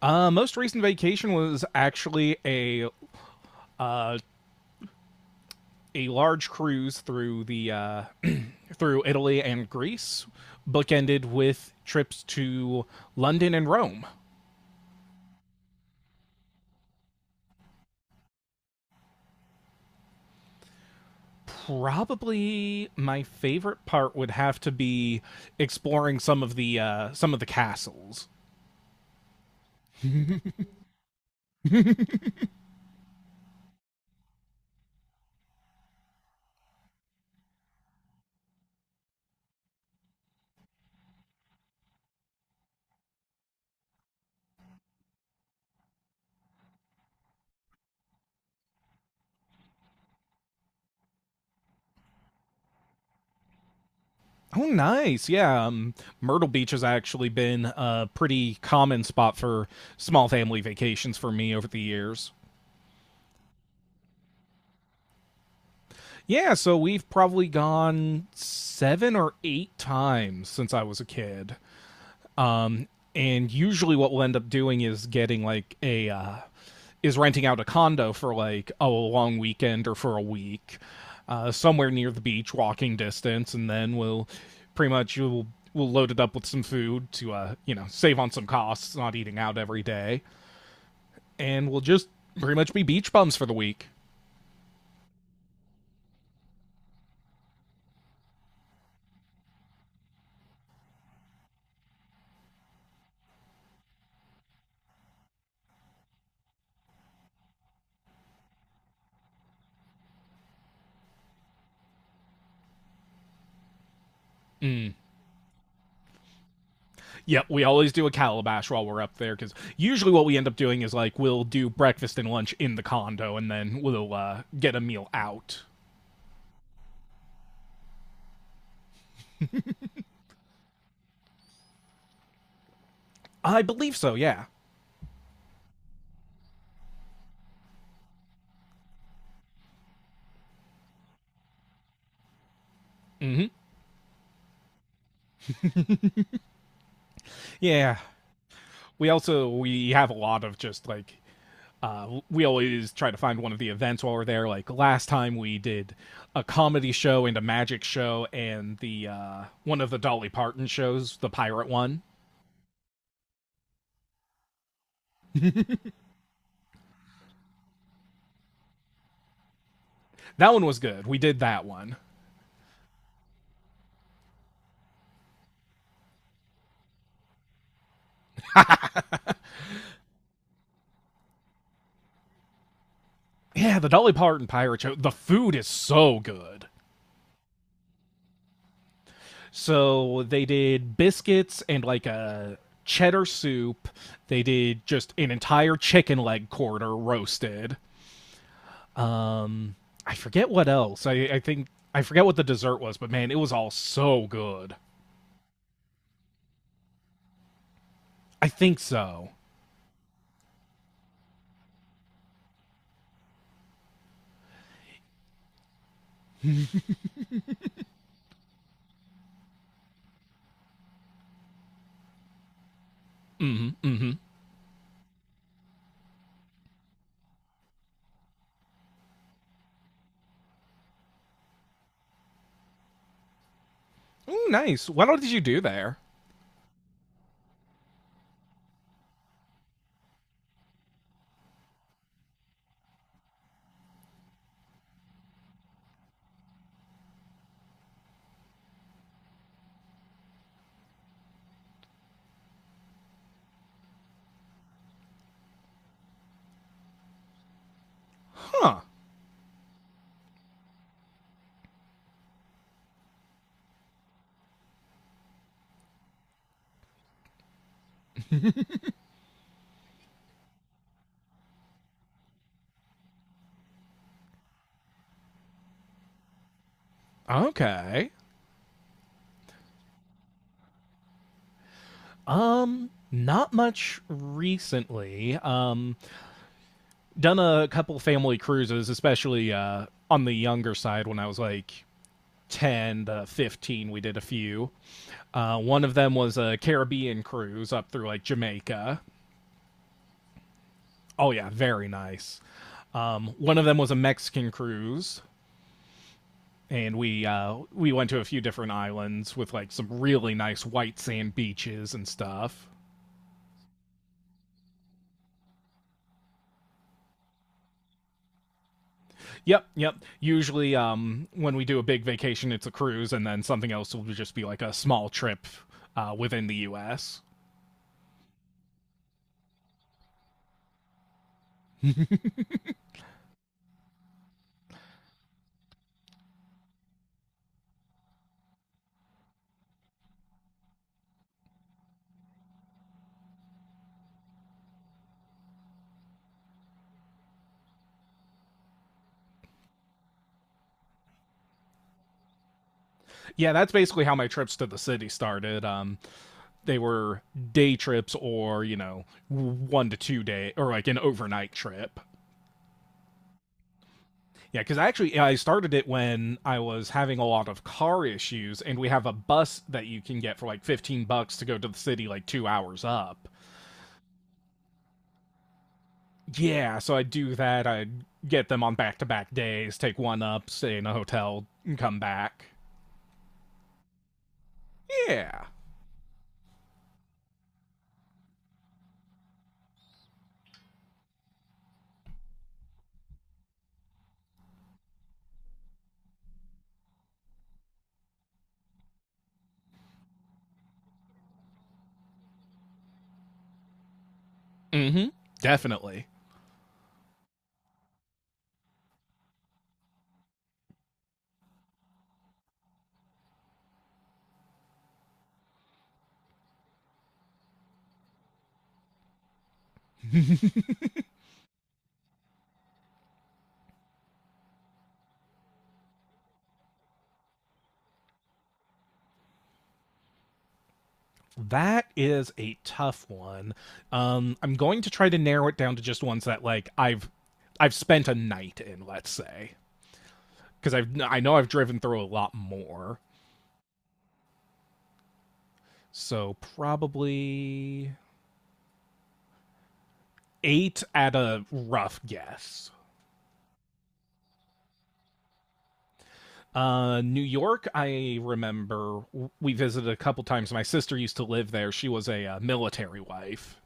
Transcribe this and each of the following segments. Most recent vacation was actually a large cruise through the through Italy and Greece, bookended with trips to London and Rome. Probably my favorite part would have to be exploring some of the castles. Oh, nice! Yeah, Myrtle Beach has actually been a pretty common spot for small family vacations for me over the years. Yeah, so we've probably gone seven or eight times since I was a kid. Um, and usually what we'll end up doing is getting like a is renting out a condo for like a long weekend or for a week, somewhere near the beach, walking distance, and then we'll pretty much we'll load it up with some food to save on some costs, not eating out every day, and we'll just pretty much be beach bums for the week. Yeah, we always do a calabash while we're up there because usually what we end up doing is like we'll do breakfast and lunch in the condo and then we'll get a meal out. I believe so. Yeah, yeah. We also we have a lot of just like we always try to find one of the events while we're there. Like last time we did a comedy show and a magic show and the one of the Dolly Parton shows, the pirate one. That one was good. We did that one. Yeah, the Dolly Parton pirate show. The food is so good. So they did biscuits and like a cheddar soup. They did just an entire chicken leg quarter roasted. Um, I forget what else. I think I forget what the dessert was, but man, it was all so good. I think so. Mm-hmm. Mm-hmm. Ooh, nice. What all did you do there? Huh. Okay. Not much recently. Done a couple family cruises, especially on the younger side when I was like 10 to 15, we did a few one of them was a Caribbean cruise up through like Jamaica. Oh yeah, very nice. One of them was a Mexican cruise, and we we went to a few different islands with like some really nice white sand beaches and stuff. Yep, yep. Usually, when we do a big vacation, it's a cruise, and then something else will just be like a small trip within the U.S. Yeah, that's basically how my trips to the city started. They were day trips or 1 to 2 day or like an overnight trip. Yeah, because actually I started it when I was having a lot of car issues, and we have a bus that you can get for like 15 bucks to go to the city, like 2 hours up. Yeah, so I do that. I get them on back-to-back days, take one up, stay in a hotel, and come back. Yeah. Mm-hmm. Definitely. That is a tough one. I'm going to try to narrow it down to just ones that like I've spent a night in, let's say, because I know I've driven through a lot more. So probably eight at a rough guess. New York, I remember we visited a couple times. My sister used to live there. She was a military wife.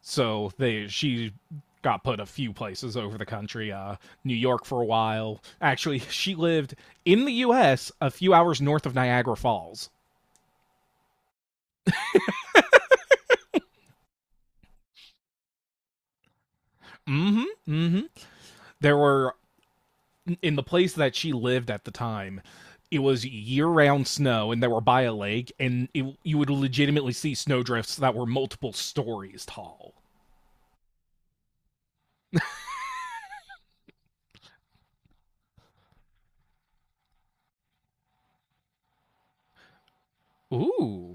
So they she got put a few places over the country. New York for a while. Actually, she lived in the U.S. a few hours north of Niagara Falls. Mm-hmm. Mm-hmm. There were in the place that she lived at the time. It was year-round snow, and they were by a lake, and you would legitimately see snowdrifts that were multiple stories tall. Ooh.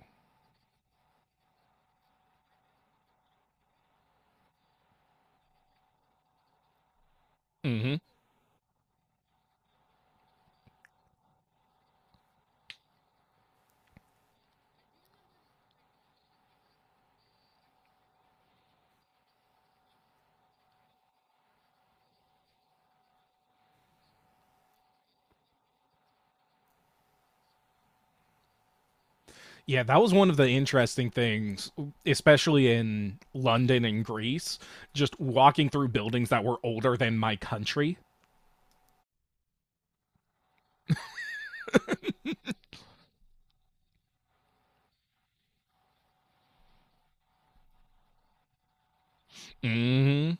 Mm-hmm. Yeah, that was one of the interesting things, especially in London and Greece, just walking through buildings that were older than my country. Mm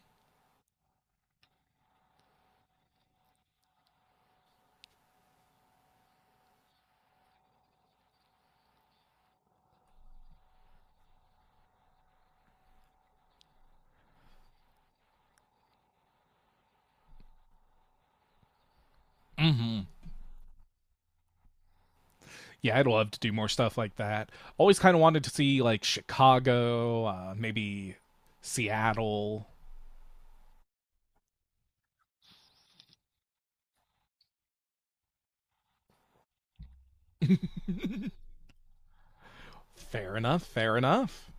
hmm. Mm hmm. Yeah, I'd love to do more stuff like that. Always kind of wanted to see, like, Chicago, maybe Seattle. Fair enough. Fair enough.